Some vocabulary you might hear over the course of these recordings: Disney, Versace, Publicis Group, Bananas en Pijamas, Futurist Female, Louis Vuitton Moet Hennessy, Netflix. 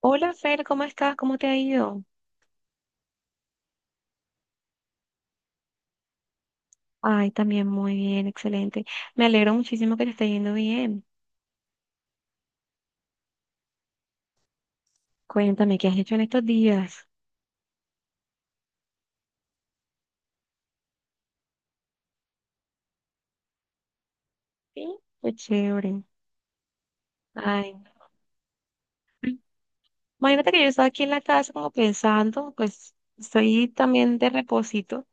Hola Fer, ¿cómo estás? ¿Cómo te ha ido? Ay, también muy bien, excelente. Me alegro muchísimo que te esté yendo bien. Cuéntame, ¿qué has hecho en estos días? Sí, qué chévere. Ay, imagínate que yo estaba aquí en la casa como pensando, pues estoy también de reposito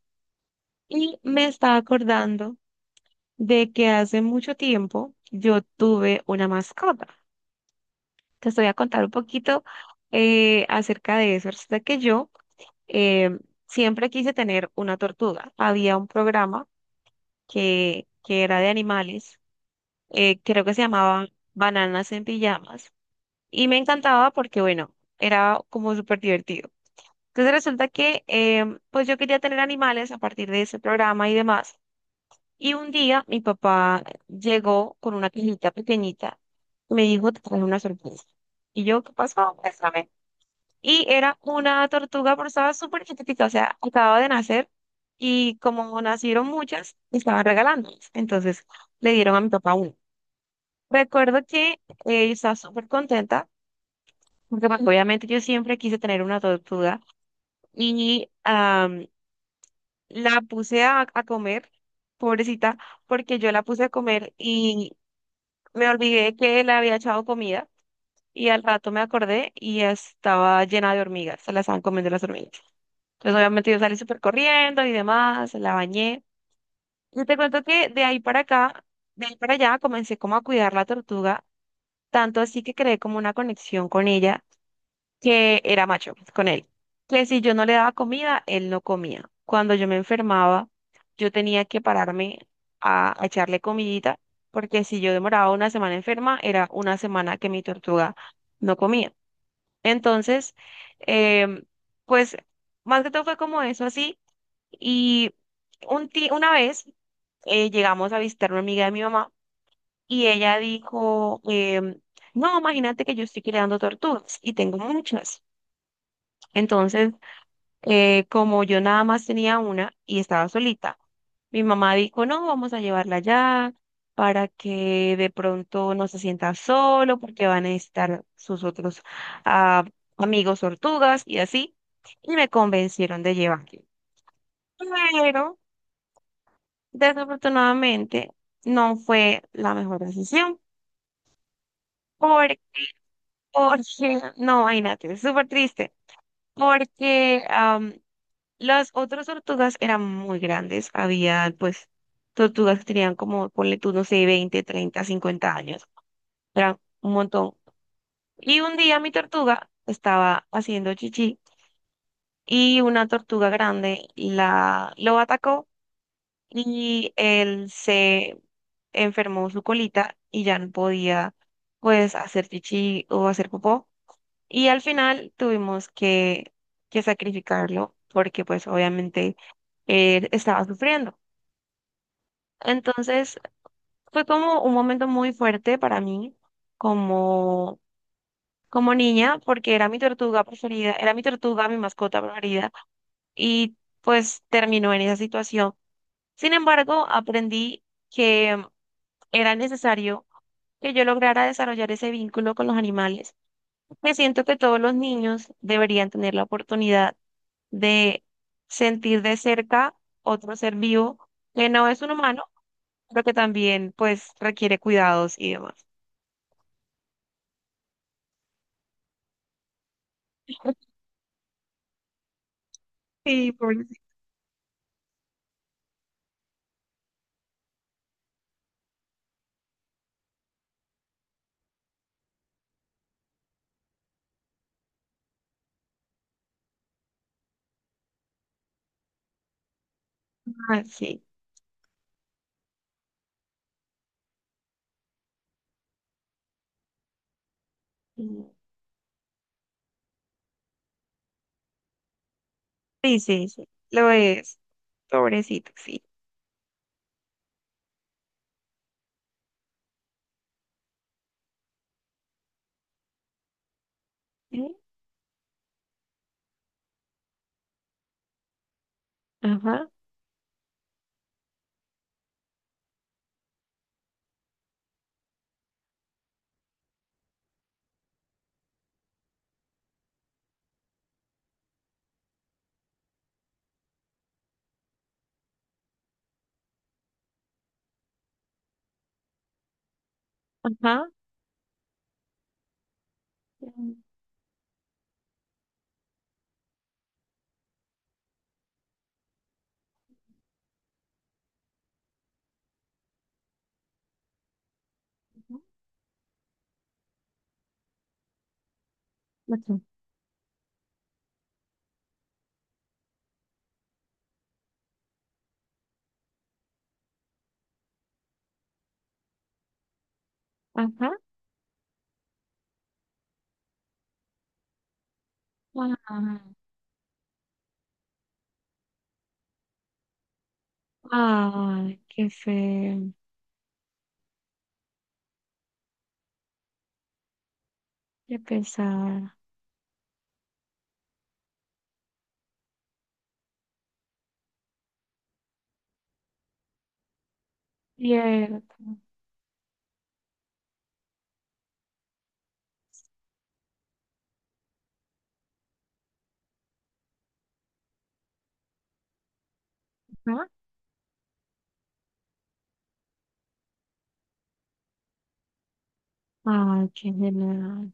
y me estaba acordando de que hace mucho tiempo yo tuve una mascota. Te voy a contar un poquito acerca de eso. Resulta que yo eh, siempre quise tener una tortuga. Había un programa que era de animales, creo que se llamaba Bananas en Pijamas, y me encantaba porque, bueno, era como súper divertido. Entonces resulta que pues yo quería tener animales a partir de ese programa y demás. Y un día mi papá llegó con una cajita pequeñita y me dijo, te traje una sorpresa. Y yo, ¿qué pasó? Muéstrame. Y era una tortuga, pero estaba súper chiquitica, o sea, acababa de nacer y como nacieron muchas, estaban regalándolas. Entonces le dieron a mi papá una. Recuerdo que yo estaba súper contenta, porque pues, obviamente yo siempre quise tener una tortuga y la puse a comer, pobrecita, porque yo la puse a comer y me olvidé que le había echado comida y al rato me acordé y estaba llena de hormigas, se la estaban comiendo las hormigas. Pues obviamente yo salí súper corriendo y demás, la bañé. Y te cuento que de ahí para acá, de ahí para allá, comencé como a cuidar la tortuga, tanto así que creé como una conexión con ella, que era macho, pues, con él. Que si yo no le daba comida, él no comía. Cuando yo me enfermaba, yo tenía que pararme a echarle comidita, porque si yo demoraba una semana enferma, era una semana que mi tortuga no comía. Entonces, em, pues más que todo fue como eso así. Y una vez llegamos a visitar una amiga de mi mamá y ella dijo, no, imagínate que yo estoy criando tortugas y tengo muchas. Entonces, como yo nada más tenía una y estaba solita, mi mamá dijo, no, vamos a llevarla allá para que de pronto no se sienta solo porque van a necesitar sus otros ah, amigos tortugas y así. Y me convencieron de llevarla. Pero... Desafortunadamente, no fue la mejor decisión. Porque, porque no, imagínate, es súper triste. Porque las otras tortugas eran muy grandes. Había, pues, tortugas que tenían como, ponle tú, no sé, 20, 30, 50 años. Eran un montón. Y un día mi tortuga estaba haciendo chichi y una tortuga grande lo atacó y él se enfermó su colita y ya no podía pues hacer chichi o hacer popó y al final tuvimos que sacrificarlo porque pues obviamente él estaba sufriendo. Entonces fue como un momento muy fuerte para mí como, como niña porque era mi tortuga preferida, era mi tortuga, mi mascota preferida y pues terminó en esa situación. Sin embargo, aprendí que era necesario que yo lograra desarrollar ese vínculo con los animales, me siento que todos los niños deberían tener la oportunidad de sentir de cerca otro ser vivo que no es un humano, pero que también pues requiere cuidados y demás. Sí, pobrecito. Ah, sí. Sí, sí, sí. Lo es. Pobrecito, sí. Sí, ajá, ajá. Ujú. Ajá. Ajá. Ah, ay, qué feo. Qué pesar. Cierto. Ajá. Ay, qué genial.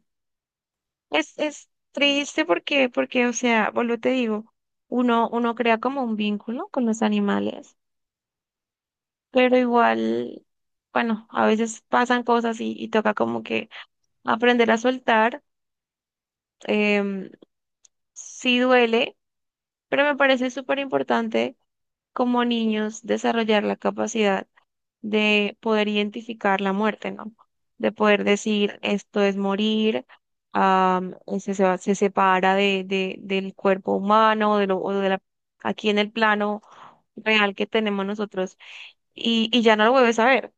Es triste porque, porque, o sea, vuelvo y te digo, uno crea como un vínculo con los animales, pero igual, bueno, a veces pasan cosas y toca como que aprender a soltar. em, sí duele, pero me parece súper importante como niños desarrollar la capacidad de poder identificar la muerte, ¿no? De poder decir, esto es morir, am, se separa del cuerpo humano, de lo, o de la, aquí en el plano real que tenemos nosotros, y ya no lo vuelves a ver.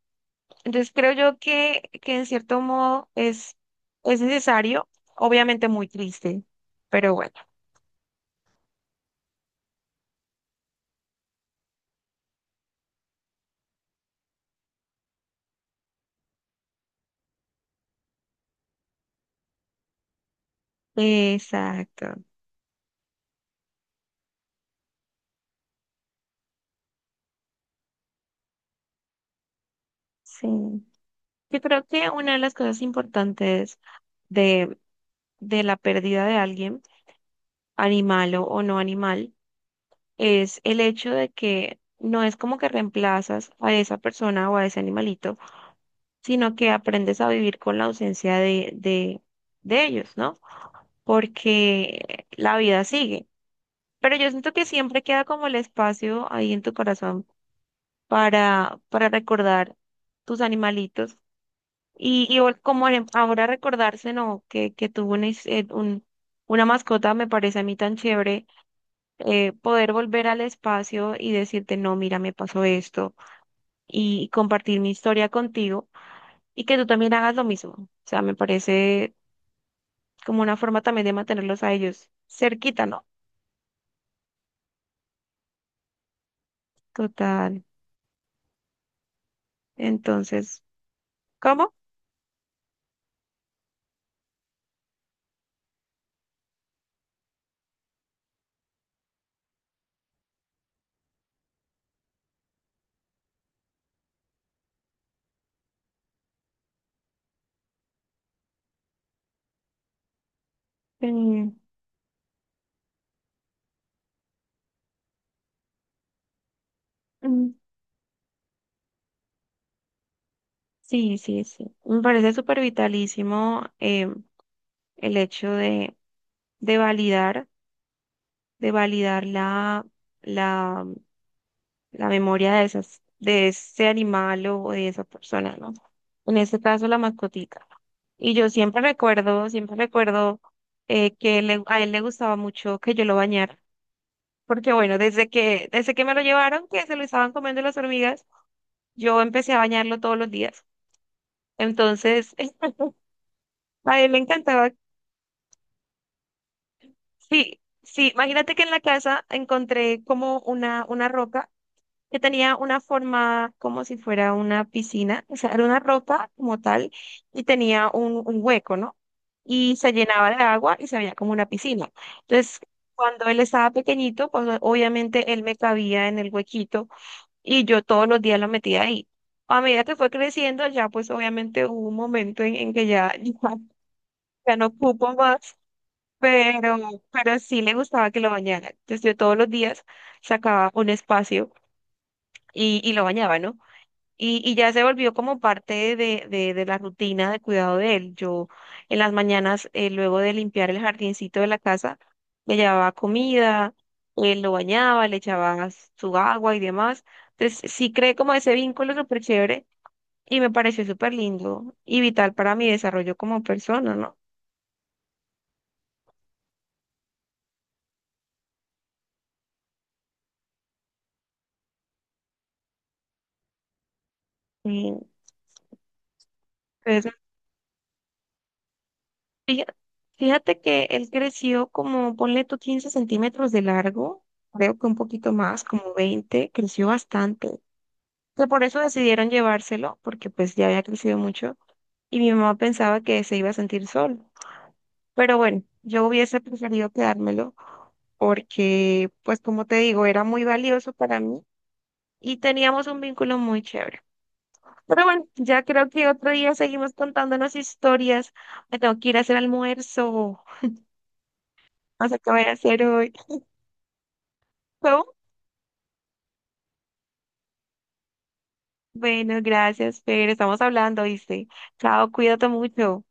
Entonces creo yo que en cierto modo es necesario, obviamente muy triste, pero bueno. Exacto, sí. Yo creo que una de las cosas importantes de, de la pérdida de alguien, animal o no animal, es el hecho de que no es como que reemplazas a esa persona o a ese animalito, sino que aprendes a vivir con la ausencia de ellos, ¿no? Porque la vida sigue. Pero yo siento que siempre queda como el espacio ahí en tu corazón para recordar tus animalitos. Y, como ahora recordarse, ¿no? Que tuvo una, una mascota, me parece a mí tan chévere, poder volver al espacio y decirte, no, mira, me pasó esto, y compartir mi historia contigo, y que tú también hagas lo mismo. O sea, me parece como una forma también de mantenerlos a ellos cerquita, ¿no? Total. Entonces, ¿cómo? Mm, mm, sí, sí, sí. Me parece súper vitalísimo, em, el hecho de validar. De validar la, la memoria de esas, de ese animal o de esa persona, ¿no? En este caso, la mascotica. Y yo siempre recuerdo a él le gustaba mucho que yo lo bañara, porque bueno, desde que me lo llevaron, que se lo estaban comiendo las hormigas, yo empecé a bañarlo todos los días. Entonces, a él le encantaba, sí, sí, imagínate que en la casa encontré como una roca que tenía una forma como si fuera una piscina, o sea, era una roca como tal y tenía un hueco, ¿no? Y se llenaba de agua y se veía como una piscina. Entonces, cuando él estaba pequeñito, pues obviamente él me cabía en el huequito y yo todos los días lo metía ahí. A medida que fue creciendo, ya pues obviamente hubo un momento en que ya, ya, ya no ocupo más, pero, pero sí le gustaba que lo bañara. Entonces yo todos los días sacaba un espacio y lo bañaba, ¿no? Y ya se volvió como parte de la rutina de cuidado de él. Yo en las mañanas, luego de limpiar el jardincito de la casa, le llevaba comida, él lo bañaba, le echaba su agua y demás. Entonces sí creé como ese vínculo súper chévere y me pareció súper lindo y vital para mi desarrollo como persona, ¿no? Y, pues, fija- fíjate que él creció como, ponle tú 15 centímetros de largo, creo que un poquito más, como 20. Creció bastante. Sea, por eso decidieron llevárselo, porque pues ya había crecido mucho y mi mamá pensaba que se iba a sentir solo. Pero bueno, yo hubiese preferido quedármelo porque, pues como te digo, era muy valioso para mí y teníamos un vínculo muy chévere. Pero bueno, ya creo que otro día seguimos contándonos historias. Me tengo que ir a hacer almuerzo. No sé qué voy a hacer hoy. ¿Cómo? Bueno, gracias, Fer. Estamos hablando, ¿viste? Chao, cuídate mucho.